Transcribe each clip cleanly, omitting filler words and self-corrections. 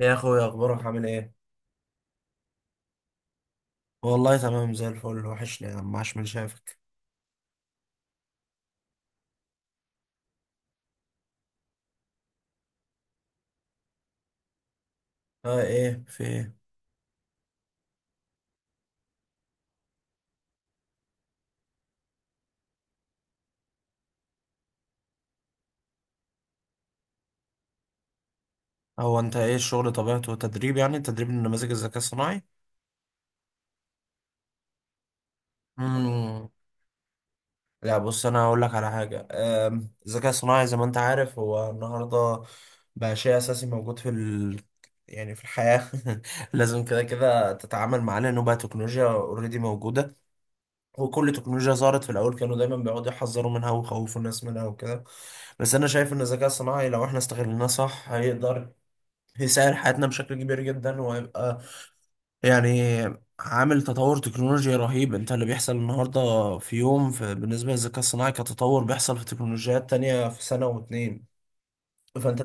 يا اخويا، اخبارك عامل ايه؟ والله تمام زي الفل. وحشني يا عم، عاش من شافك. اه، ايه؟ في ايه؟ هو انت ايه الشغل طبيعته؟ تدريب، يعني تدريب النماذج الذكاء الصناعي. امم. لا بص، انا هقول لك على حاجه. الذكاء الصناعي زي ما انت عارف هو النهارده بقى شيء اساسي موجود في يعني في الحياه لازم كده كده تتعامل معاه، لانه بقى تكنولوجيا اوريدي موجوده. وكل تكنولوجيا ظهرت في الاول كانوا دايما بيقعدوا يحذروا منها ويخوفوا الناس منها وكده. بس انا شايف ان الذكاء الصناعي لو احنا استغلناه صح هيقدر يسهل حياتنا بشكل كبير جدا، وهيبقى يعني عامل تطور تكنولوجي رهيب. انت اللي بيحصل النهارده في يوم في بالنسبه للذكاء الصناعي كتطور بيحصل في تكنولوجيات تانية في سنه واتنين. فانت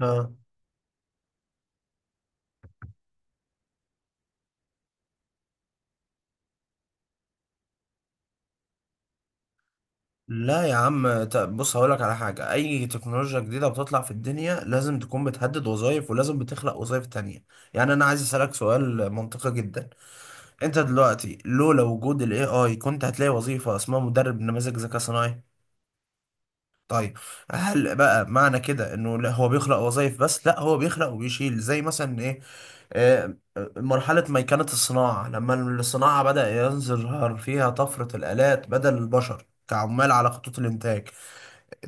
اه. لا يا عم، بص، هقولك على حاجة. أي تكنولوجيا جديدة بتطلع في الدنيا لازم تكون بتهدد وظائف، ولازم بتخلق وظائف تانية. يعني أنا عايز أسألك سؤال منطقي جدا. انت دلوقتي لولا وجود الاي اي كنت هتلاقي وظيفة اسمها مدرب نماذج ذكاء صناعي؟ طيب. هل بقى معنى كده انه لا هو بيخلق وظائف؟ بس لا، هو بيخلق وبيشيل. زي مثلا ايه؟ آه، مرحلة ميكنة الصناعة، لما الصناعة بدأ يظهر فيها طفرة الآلات بدل البشر كعمال على خطوط الإنتاج.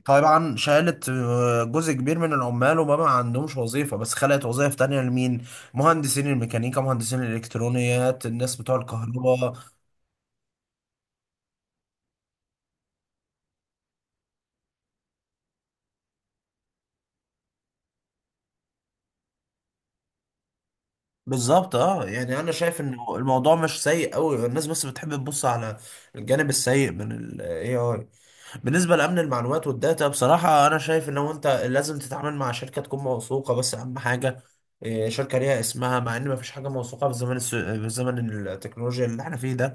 طبعا شالت جزء كبير من العمال وما ما عندهمش وظيفة، بس خلقت وظائف تانية لمين؟ مهندسين الميكانيكا، مهندسين الإلكترونيات، الناس بتوع الكهرباء. بالظبط. اه، يعني انا شايف ان الموضوع مش سيء قوي، الناس بس بتحب تبص على الجانب السيء من الاي اي. بالنسبه لامن المعلومات والداتا، بصراحه انا شايف ان هو انت لازم تتعامل مع شركه تكون موثوقه. بس اهم حاجه إيه؟ شركه ليها اسمها، مع ان ما فيش حاجه موثوقه في زمن في زمن التكنولوجيا اللي احنا فيه ده.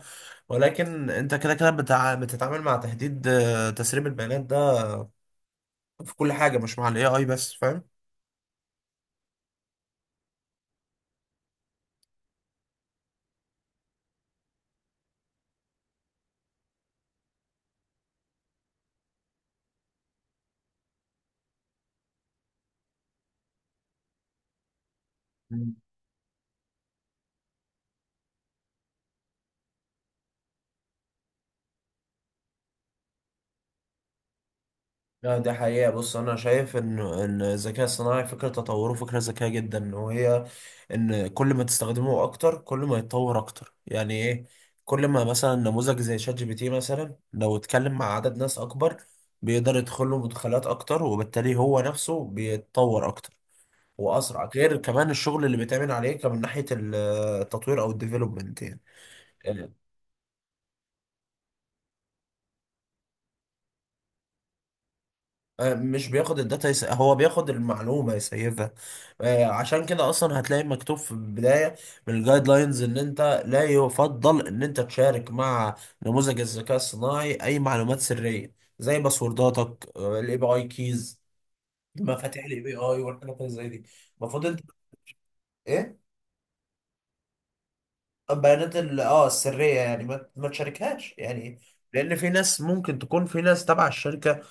ولكن انت كده كده بتتعامل مع تهديد تسريب البيانات ده في كل حاجه، مش مع الاي اي بس، فاهم. لا، ده حقيقة. بص، أنا شايف إن الذكاء الصناعي فكرة تطوره فكرة ذكية جدا، وهي إن كل ما تستخدمه أكتر كل ما يتطور أكتر. يعني إيه؟ كل ما مثلا نموذج زي شات جي بي تي مثلا لو اتكلم مع عدد ناس أكبر بيقدر يدخل له مدخلات أكتر، وبالتالي هو نفسه بيتطور أكتر وأسرع. غير كمان الشغل اللي بيتعمل عليه كمان من ناحية التطوير أو الديفلوبمنت يعني. مش بياخد الداتا، هو بياخد المعلومة يسيفها. عشان كده أصلا هتلاقي مكتوب في البداية من الجايد لاينز إن أنت لا يفضل إن أنت تشارك مع نموذج الذكاء الصناعي أي معلومات سرية، زي باسورداتك، الاي بي اي كيز، مفاتيح الاي بي اي والحاجات اللي زي دي. المفروض أنت إيه. البيانات السرية يعني ما تشاركهاش يعني. لأن في ناس ممكن تكون، في ناس تبع الشركة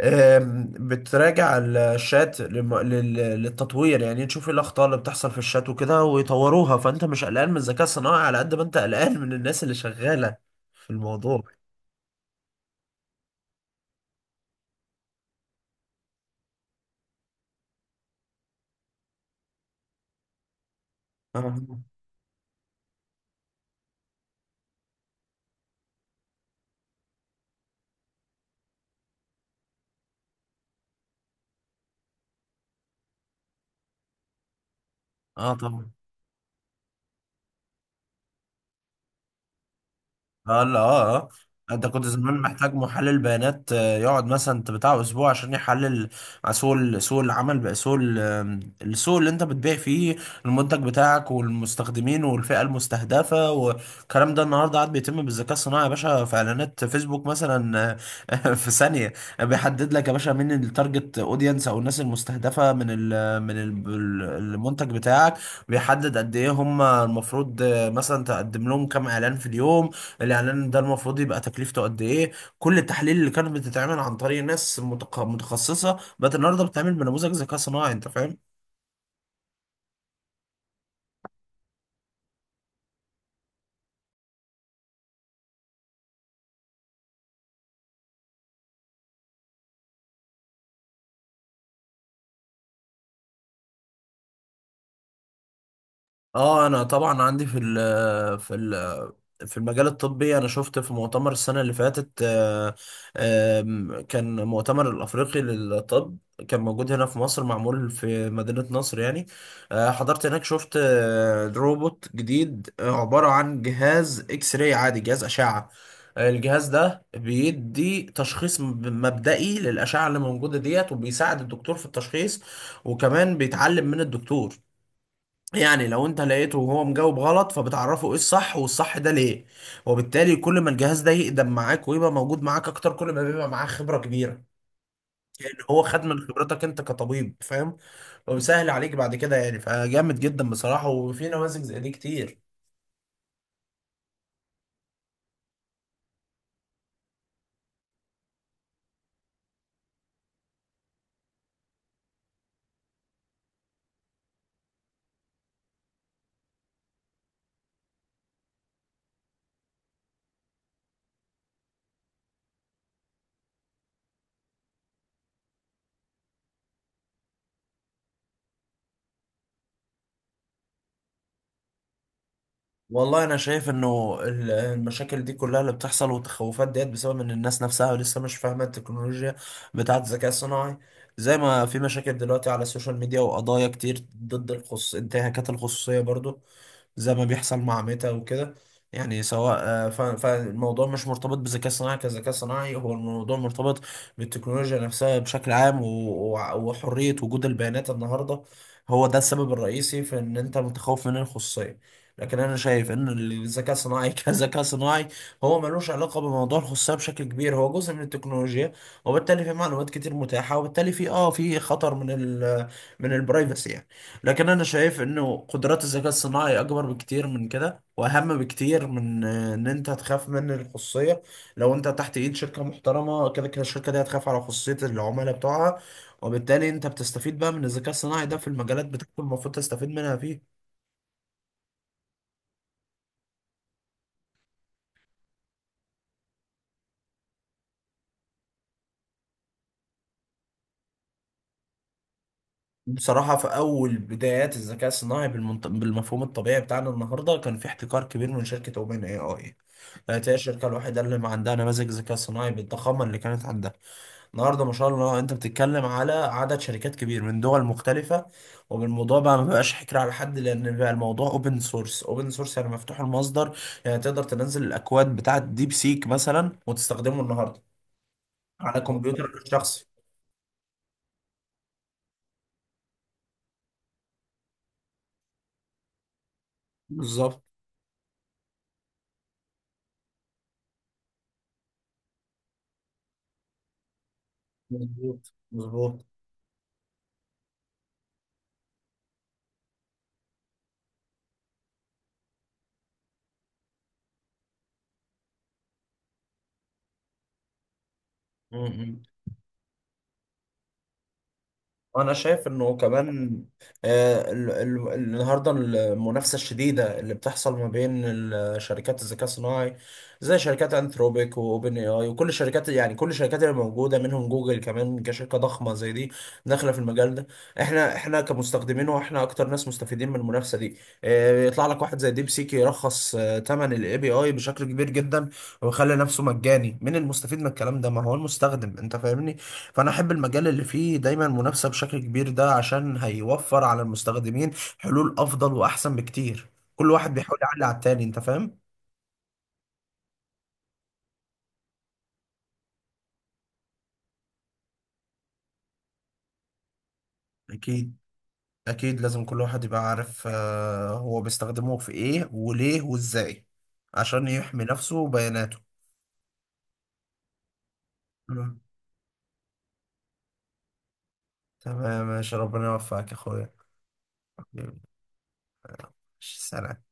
بتراجع الشات للتطوير. يعني تشوف ايه الاخطاء اللي بتحصل في الشات وكده ويطوروها. فانت مش قلقان من الذكاء الصناعي على قد ما انت قلقان من الناس اللي شغاله في الموضوع. آه. اه طبعا. اه، لا، اه اه. انت كنت زمان محتاج محلل بيانات يقعد مثلا انت بتاع اسبوع عشان يحلل مع سوق سوق العمل. بقى سوق ال- آم، السوق اللي انت بتبيع فيه المنتج بتاعك، والمستخدمين، والفئة المستهدفة، والكلام ده النهارده قاعد بيتم بالذكاء الصناعي يا باشا. في اعلانات فيسبوك مثلا، في ثانية بيحدد لك يا باشا مين التارجت اودينس او الناس المستهدفة من ال المنتج بتاعك. بيحدد قد ايه هم المفروض مثلا تقدم لهم كام اعلان في اليوم. الاعلان ده المفروض يبقى تكلفته قد ايه. كل التحاليل اللي كانت بتتعمل عن طريق ناس متخصصه بقت النهارده بتتعمل بنموذج ذكاء صناعي، انت فاهم. اه انا طبعا عندي في المجال الطبي. انا شفت في مؤتمر السنه اللي فاتت، آه، آم، كان مؤتمر الافريقي للطب، كان موجود هنا في مصر، معمول في مدينه نصر يعني. حضرت هناك، شفت روبوت جديد، عباره عن جهاز اكس راي عادي، جهاز اشعه. الجهاز ده بيدي تشخيص مبدئي للأشعة اللي موجودة ديت، وبيساعد الدكتور في التشخيص، وكمان بيتعلم من الدكتور. يعني لو انت لقيته وهو مجاوب غلط، فبتعرفه ايه الصح، والصح ده ليه، وبالتالي كل ما الجهاز ده يقدم معاك ويبقى موجود معاك اكتر كل ما بيبقى معاه خبرة كبيرة. يعني هو خد من خبرتك انت كطبيب، فاهم. وبيسهل عليك بعد كده يعني. فجامد جدا بصراحة، وفي نماذج زي دي كتير. والله انا شايف انه المشاكل دي كلها اللي بتحصل والتخوفات ديت بسبب ان الناس نفسها لسه مش فاهمة التكنولوجيا بتاعة الذكاء الصناعي. زي ما في مشاكل دلوقتي على السوشيال ميديا وقضايا كتير ضد انتهاكات الخصوصية برضو، زي ما بيحصل مع ميتا وكده. يعني سواء فالموضوع مش مرتبط بذكاء صناعي كذكاء صناعي، هو الموضوع مرتبط بالتكنولوجيا نفسها بشكل عام وحرية وجود البيانات النهاردة. هو ده السبب الرئيسي في ان انت متخوف من الخصوصية. لكن انا شايف ان الذكاء الصناعي كذكاء صناعي هو ملوش علاقة بموضوع الخصوصية بشكل كبير، هو جزء من التكنولوجيا، وبالتالي في معلومات كتير متاحة، وبالتالي في اه في خطر من من البرايفسي يعني. لكن انا شايف انه قدرات الذكاء الصناعي اكبر بكتير من كده، واهم بكتير من ان انت تخاف من الخصوصيه. لو انت تحت ايد شركه محترمه، كده كده الشركه دي هتخاف على خصوصيه العملاء بتوعها، وبالتالي انت بتستفيد بقى من الذكاء الصناعي ده في المجالات بتاعته المفروض تستفيد منها فيه. بصراحه في اول بدايات الذكاء الصناعي بالمفهوم الطبيعي بتاعنا النهارده كان في احتكار كبير من شركه اوبن اي اي. هي الشركه الوحيده اللي ما عندها نماذج ذكاء صناعي بالضخامه اللي كانت عندها. النهارده ما شاء الله انت بتتكلم على عدد شركات كبير من دول مختلفة، وبالموضوع بقى ما بقاش حكر على حد، لان بقى الموضوع اوبن سورس. اوبن سورس يعني مفتوح المصدر. يعني تقدر تنزل الاكواد بتاعة ديب سيك مثلا وتستخدمه النهارده على مظبوط كمبيوترك الشخصي. بالظبط. مظبوط مظبوط مظبوط. انا شايف انه كمان النهارده المنافسه الشديده اللي بتحصل ما بين شركات الذكاء الصناعي، زي شركات انثروبيك واوبن اي اي وكل الشركات. يعني كل الشركات اللي موجوده، منهم جوجل كمان كشركه ضخمه زي دي داخله في المجال ده. احنا كمستخدمين واحنا اكتر ناس مستفيدين من المنافسه دي. يطلع لك واحد زي ديب سيك يرخص ثمن الاي بي اي بشكل كبير جدا ويخلي نفسه مجاني. مين المستفيد من الكلام ده؟ ما هو المستخدم، انت فاهمني. فانا احب المجال اللي فيه دايما منافسه بشكل كبير ده، عشان هيوفر على المستخدمين حلول افضل واحسن بكتير. كل واحد بيحاول يعلي على التاني، انت فاهم. اكيد. اكيد لازم كل واحد يبقى عارف هو بيستخدمه في ايه وليه وازاي، عشان يحمي نفسه وبياناته. مم. تمام، ماشي، ربنا يوفقك يا اخويا. حبيبي. ماشي، سلام.